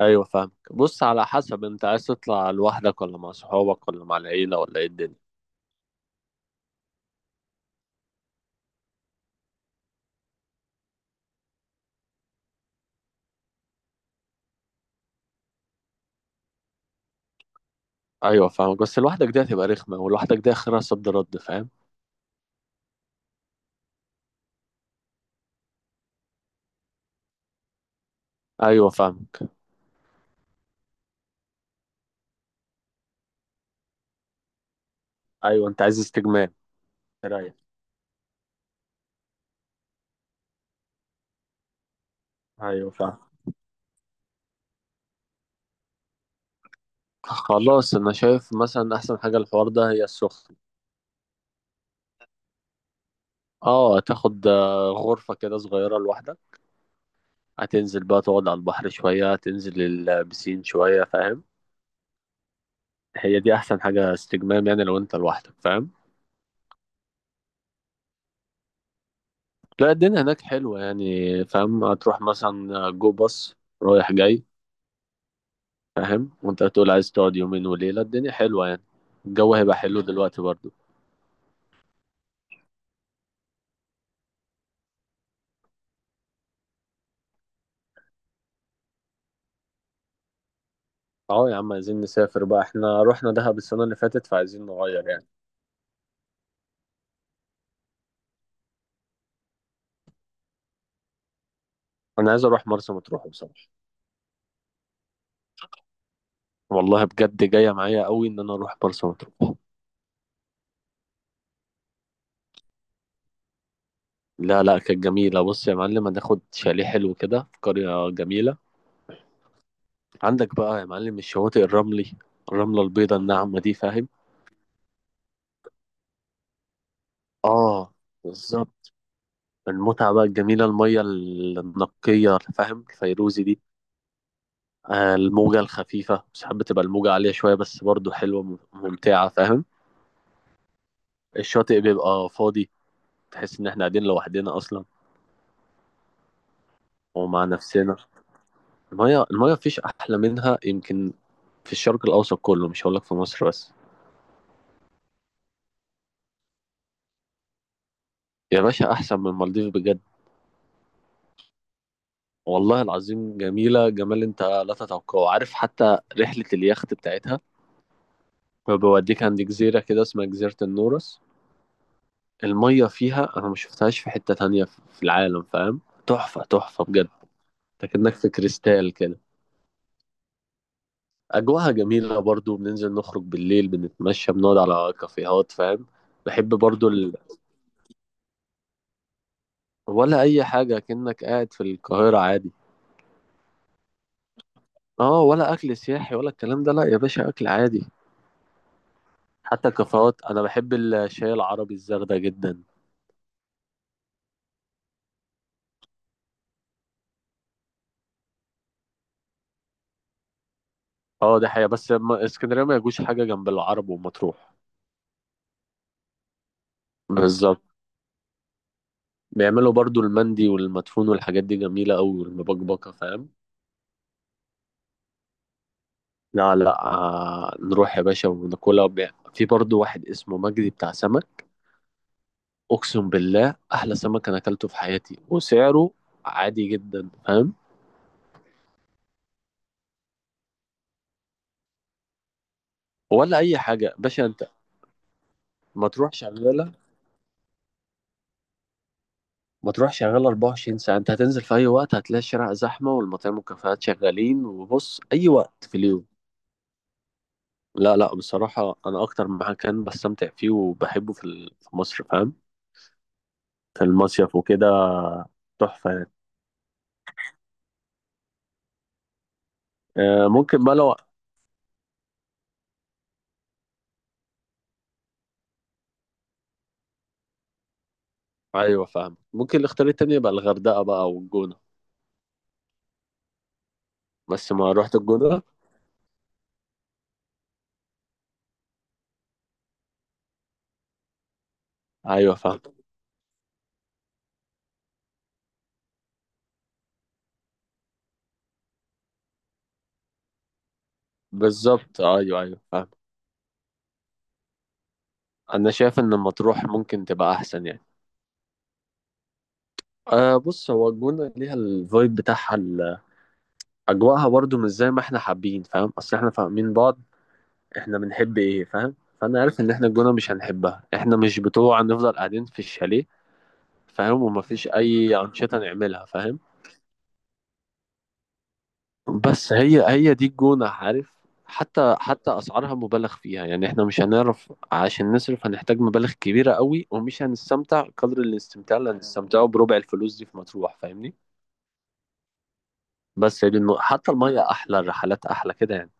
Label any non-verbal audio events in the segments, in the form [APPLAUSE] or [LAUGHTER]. ايوه، فاهمك. بص، على حسب، انت عايز تطلع لوحدك، ولا مع صحابك، ولا مع العيله، ولا ايه الدنيا؟ ايوه فاهمك، بس لوحدك دي هتبقى رخمه، ولوحدك دي اخرها صد رد، فاهم؟ ايوه فاهمك. ايوه، انت عايز استجمام، رايق. ايوه فاهم. خلاص، انا شايف مثلا احسن حاجه الحوار ده هي السخنه. اه، هتاخد غرفه كده صغيره لوحدك. هتنزل بقى تقعد على البحر شويه، هتنزل البسين شويه، فاهم؟ هي دي احسن حاجه، استجمام، يعني لو انت لوحدك، فاهم؟ لا، الدنيا هناك حلوة يعني، فاهم؟ هتروح مثلا جو باص رايح جاي، فاهم؟ وانت هتقول عايز تقعد يومين وليلة، الدنيا حلوة يعني. الجو هيبقى حلو دلوقتي برضو. اه يا عم، عايزين نسافر بقى، احنا رحنا دهب السنة اللي فاتت فعايزين نغير يعني. انا عايز اروح مرسى مطروح بصراحة. والله بجد جاية معايا قوي ان انا اروح مرسى مطروح. لا لا، كانت جميلة. بص يا معلم، هناخد شاليه حلو كده في قرية جميلة. عندك بقى يا معلم الشواطئ الرملي، الرملة البيضاء الناعمة دي، فاهم؟ اه، بالظبط. المتعة بقى الجميلة، المية النقية، فاهم، الفيروزي دي. الموجة الخفيفة، ساعات بتبقى الموجة عالية شوية بس برضو حلوة، ممتعة، فاهم؟ الشاطئ بيبقى فاضي، تحس إن إحنا قاعدين لوحدنا أصلا ومع نفسنا. المية مفيش أحلى منها يمكن في الشرق الأوسط كله، مش هقولك في مصر بس. يا باشا، أحسن من المالديف بجد. والله العظيم جميلة، جمال أنت لا تتوقعه. عارف حتى رحلة اليخت بتاعتها؟ بيوديك عند جزيرة كده اسمها جزيرة النورس. المية فيها أنا ما شفتهاش في حتة تانية في العالم، فاهم؟ تحفة تحفة بجد. انت كأنك في كريستال كده. أجواها جميلة برضو، بننزل نخرج بالليل، بنتمشى، بنقعد على كافيهات، فاهم؟ بحب برضو ال... ولا أي حاجة، كأنك قاعد في القاهرة عادي. اه، ولا أكل سياحي ولا الكلام ده، لا يا باشا، أكل عادي. حتى الكافيهات، أنا بحب الشاي العربي، الزردة جدا. اه دي حقيقة، بس اسكندرية ما يجوش حاجة جنب العرب ومطروح. بالظبط. بيعملوا برضو المندي والمدفون والحاجات دي، جميلة أوي، والمبكبكة، فاهم؟ لا لا، آه، نروح يا باشا وناكلها. وبيع. في برضو واحد اسمه مجدي بتاع سمك. أقسم بالله أحلى سمك أنا أكلته في حياتي، وسعره عادي جدا، فاهم؟ ولا أي حاجة باشا أنت. ما تروح شغالة، ما تروح شغالة 24 ساعة. أنت هتنزل في أي وقت هتلاقي الشارع زحمة والمطاعم والكافيهات شغالين. وبص، أي وقت في اليوم. لا لا، بصراحة أنا أكتر مكان بستمتع فيه وبحبه في مصر، فاهم، في المصيف وكده، تحفة يعني. ممكن بقى لو. أيوة فاهم. ممكن الاختيار التاني يبقى الغردقة بقى والجونة. بس ما رحت الجونة. أيوة فاهم. بالظبط، أيوة أيوة فاهم. أنا شايف إن مطروح ممكن تبقى أحسن يعني. أه. بص، هو الجونة ليها الفايب بتاعها، أجواءها برضو مش زي ما إحنا حابين، فاهم؟ أصل إحنا فاهمين بعض، إحنا بنحب إيه، فاهم؟ فأنا عارف إن إحنا الجونة مش هنحبها. إحنا مش بتوع نفضل قاعدين في الشاليه، فاهم، ومفيش أي أنشطة نعملها، فاهم؟ بس هي دي الجونة، عارف؟ حتى أسعارها مبالغ فيها يعني، إحنا مش هنعرف عشان نصرف، هنحتاج مبالغ كبيرة قوي، ومش هنستمتع قدر الاستمتاع اللي هنستمتعه بربع الفلوس دي في مطروح، فاهمني؟ بس هي دي النقطة. حتى المية أحلى، الرحلات أحلى كده يعني.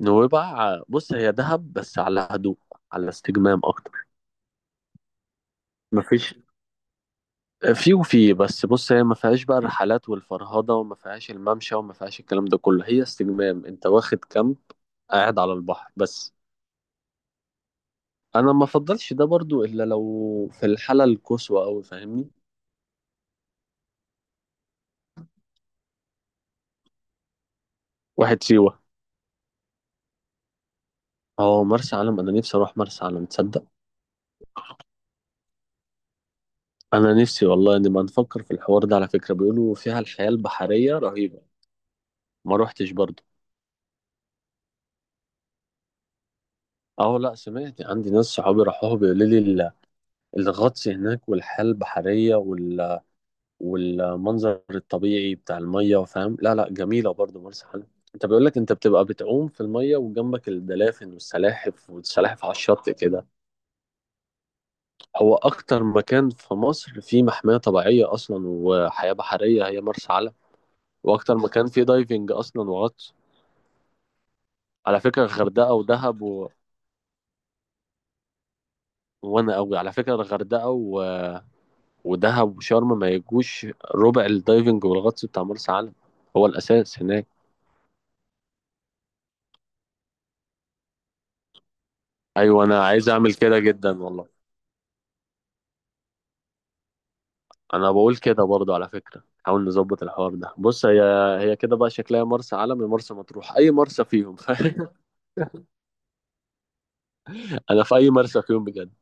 نويبع، بص هي دهب بس على هدوء، على استجمام أكتر. مفيش، في وفي، بس بص، هي ما فيهاش بقى الرحلات والفرهضة، وما فيهاش الممشى، وما فيهاش الكلام ده كله، هي استجمام. أنت واخد كامب، قاعد على البحر بس. انا ما افضلش ده برضو الا لو في الحاله القصوى قوي، فاهمني؟ واحد سيوه. اه، مرسى علم، انا نفسي اروح مرسى علم، تصدق؟ انا نفسي والله، نبقى نفكر في الحوار ده على فكره، بيقولوا فيها الحياه البحريه رهيبه. ما روحتش برضو. اه، لا، سمعت. عندي ناس صحابي راحوها، بيقولوا لي الغطس هناك، والحياه البحريه، وال... والمنظر الطبيعي بتاع الميه، فاهم؟ لا لا، جميله برضو مرسى علم. انت بيقول لك انت بتبقى بتعوم في الميه، وجنبك الدلافن والسلاحف، والسلاحف على الشط كده. هو أكتر مكان في مصر فيه محمية طبيعية أصلا وحياة بحرية هي مرسى علم. وأكتر مكان فيه دايفنج أصلا وغطس. على فكرة، الغردقة ودهب و... وأنا أوي على فكرة، الغردقة و... ودهب وشرم ما يجوش ربع الدايفنج والغطس بتاع مرسى علم. هو الأساس هناك. أيوة، أنا عايز أعمل كده جدا والله. أنا بقول كده برضه، على فكرة حاول نظبط الحوار ده. بص، هي هي كده بقى شكلها، مرسى علم يا مرسى مطروح، أي مرسى فيهم [LAUGHS] أنا في أي مرسى فيهم بجد.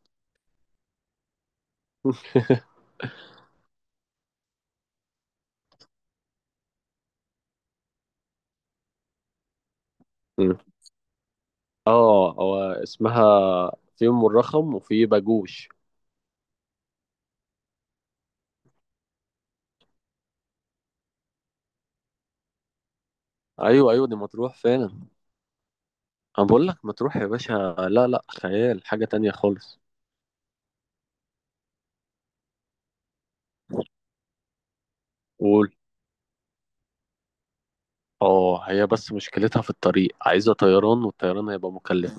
[LAUGHS] اه، هو اسمها، في ام الرخم وفي باجوش. ايوه ايوه، دي مطروح فعلا. انا بقول لك مطروح يا باشا، لا لا، خيال، حاجه تانية خالص. قول. اه، هي بس مشكلتها في الطريق، عايزه طيران، والطيران هيبقى مكلف.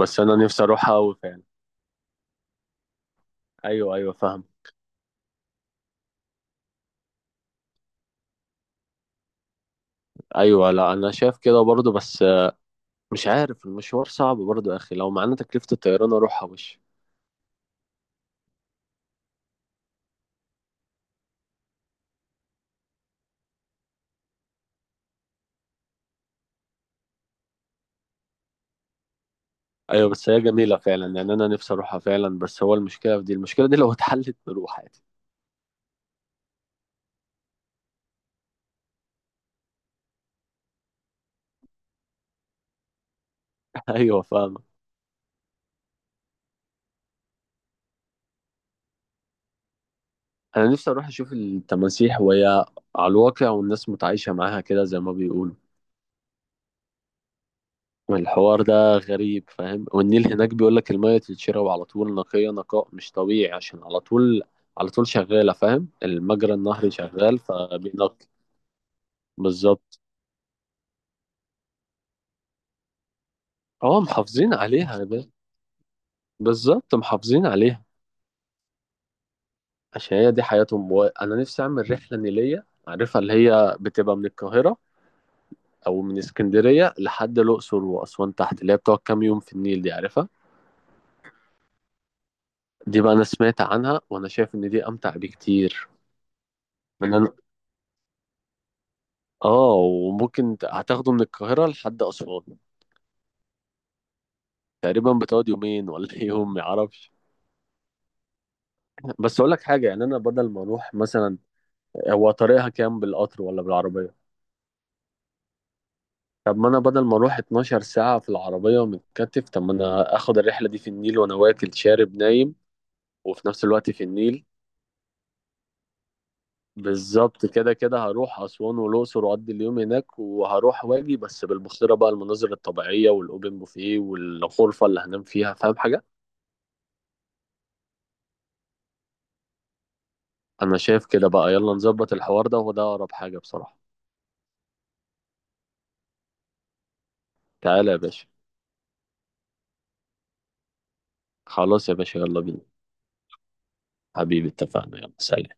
بس انا نفسي اروحها قوي فعلا. ايوه ايوه فاهم. ايوه، لا، انا شايف كده برضه، بس مش عارف، المشوار صعب برضه يا اخي، لو معانا تكلفه الطيران اروحها وش. ايوه، بس هي جميله فعلا يعني، انا نفسي اروحها فعلا، بس هو المشكله في دي، المشكله دي لو اتحلت نروح عادي. [LAUGHS] ايوه فاهم. انا نفسي اروح اشوف التماسيح، وهي على الواقع، والناس متعايشه معاها كده زي ما بيقولوا. الحوار ده غريب، فاهم؟ والنيل هناك بيقول لك الميه تتشرب على طول، نقيه نقاء مش طبيعي، عشان على طول، على طول شغاله، فاهم، المجرى النهري شغال فبينقي. بالظبط. اه، محافظين عليها ده، بالظبط، محافظين عليها. عشان هي دي حياتهم، انا نفسي اعمل رحله نيليه، عارفها اللي هي بتبقى من القاهره، او من اسكندريه لحد الاقصر واسوان تحت، اللي هي بتقعد كام يوم في النيل، دي عارفها؟ دي بقى انا سمعت عنها، وانا شايف ان دي امتع بكتير. من أنا... اه، وممكن هتاخده من القاهره لحد اسوان. تقريبا بتقعد يومين، ولا [LAUGHS] يوم، ما اعرفش. بس اقول لك حاجه يعني، انا بدل ما اروح مثلا، هو طريقها كام بالقطر ولا بالعربيه؟ طب ما انا بدل ما اروح 12 ساعه في العربيه ومتكتف، طب ما انا اخد الرحله دي في النيل وانا واكل شارب نايم، وفي نفس الوقت في النيل. بالظبط كده، كده هروح أسوان والأقصر، وأقضي اليوم هناك، وهروح واجي بس بالبحيرة بقى، المناظر الطبيعية، والأوبن بوفيه، والغرفة اللي هنام فيها، فاهم حاجة؟ أنا شايف كده بقى، يلا نظبط الحوار ده، وده أقرب حاجة بصراحة. تعالى يا باشا. خلاص يا باشا، يلا بينا. حبيبي، اتفقنا، يلا سلام.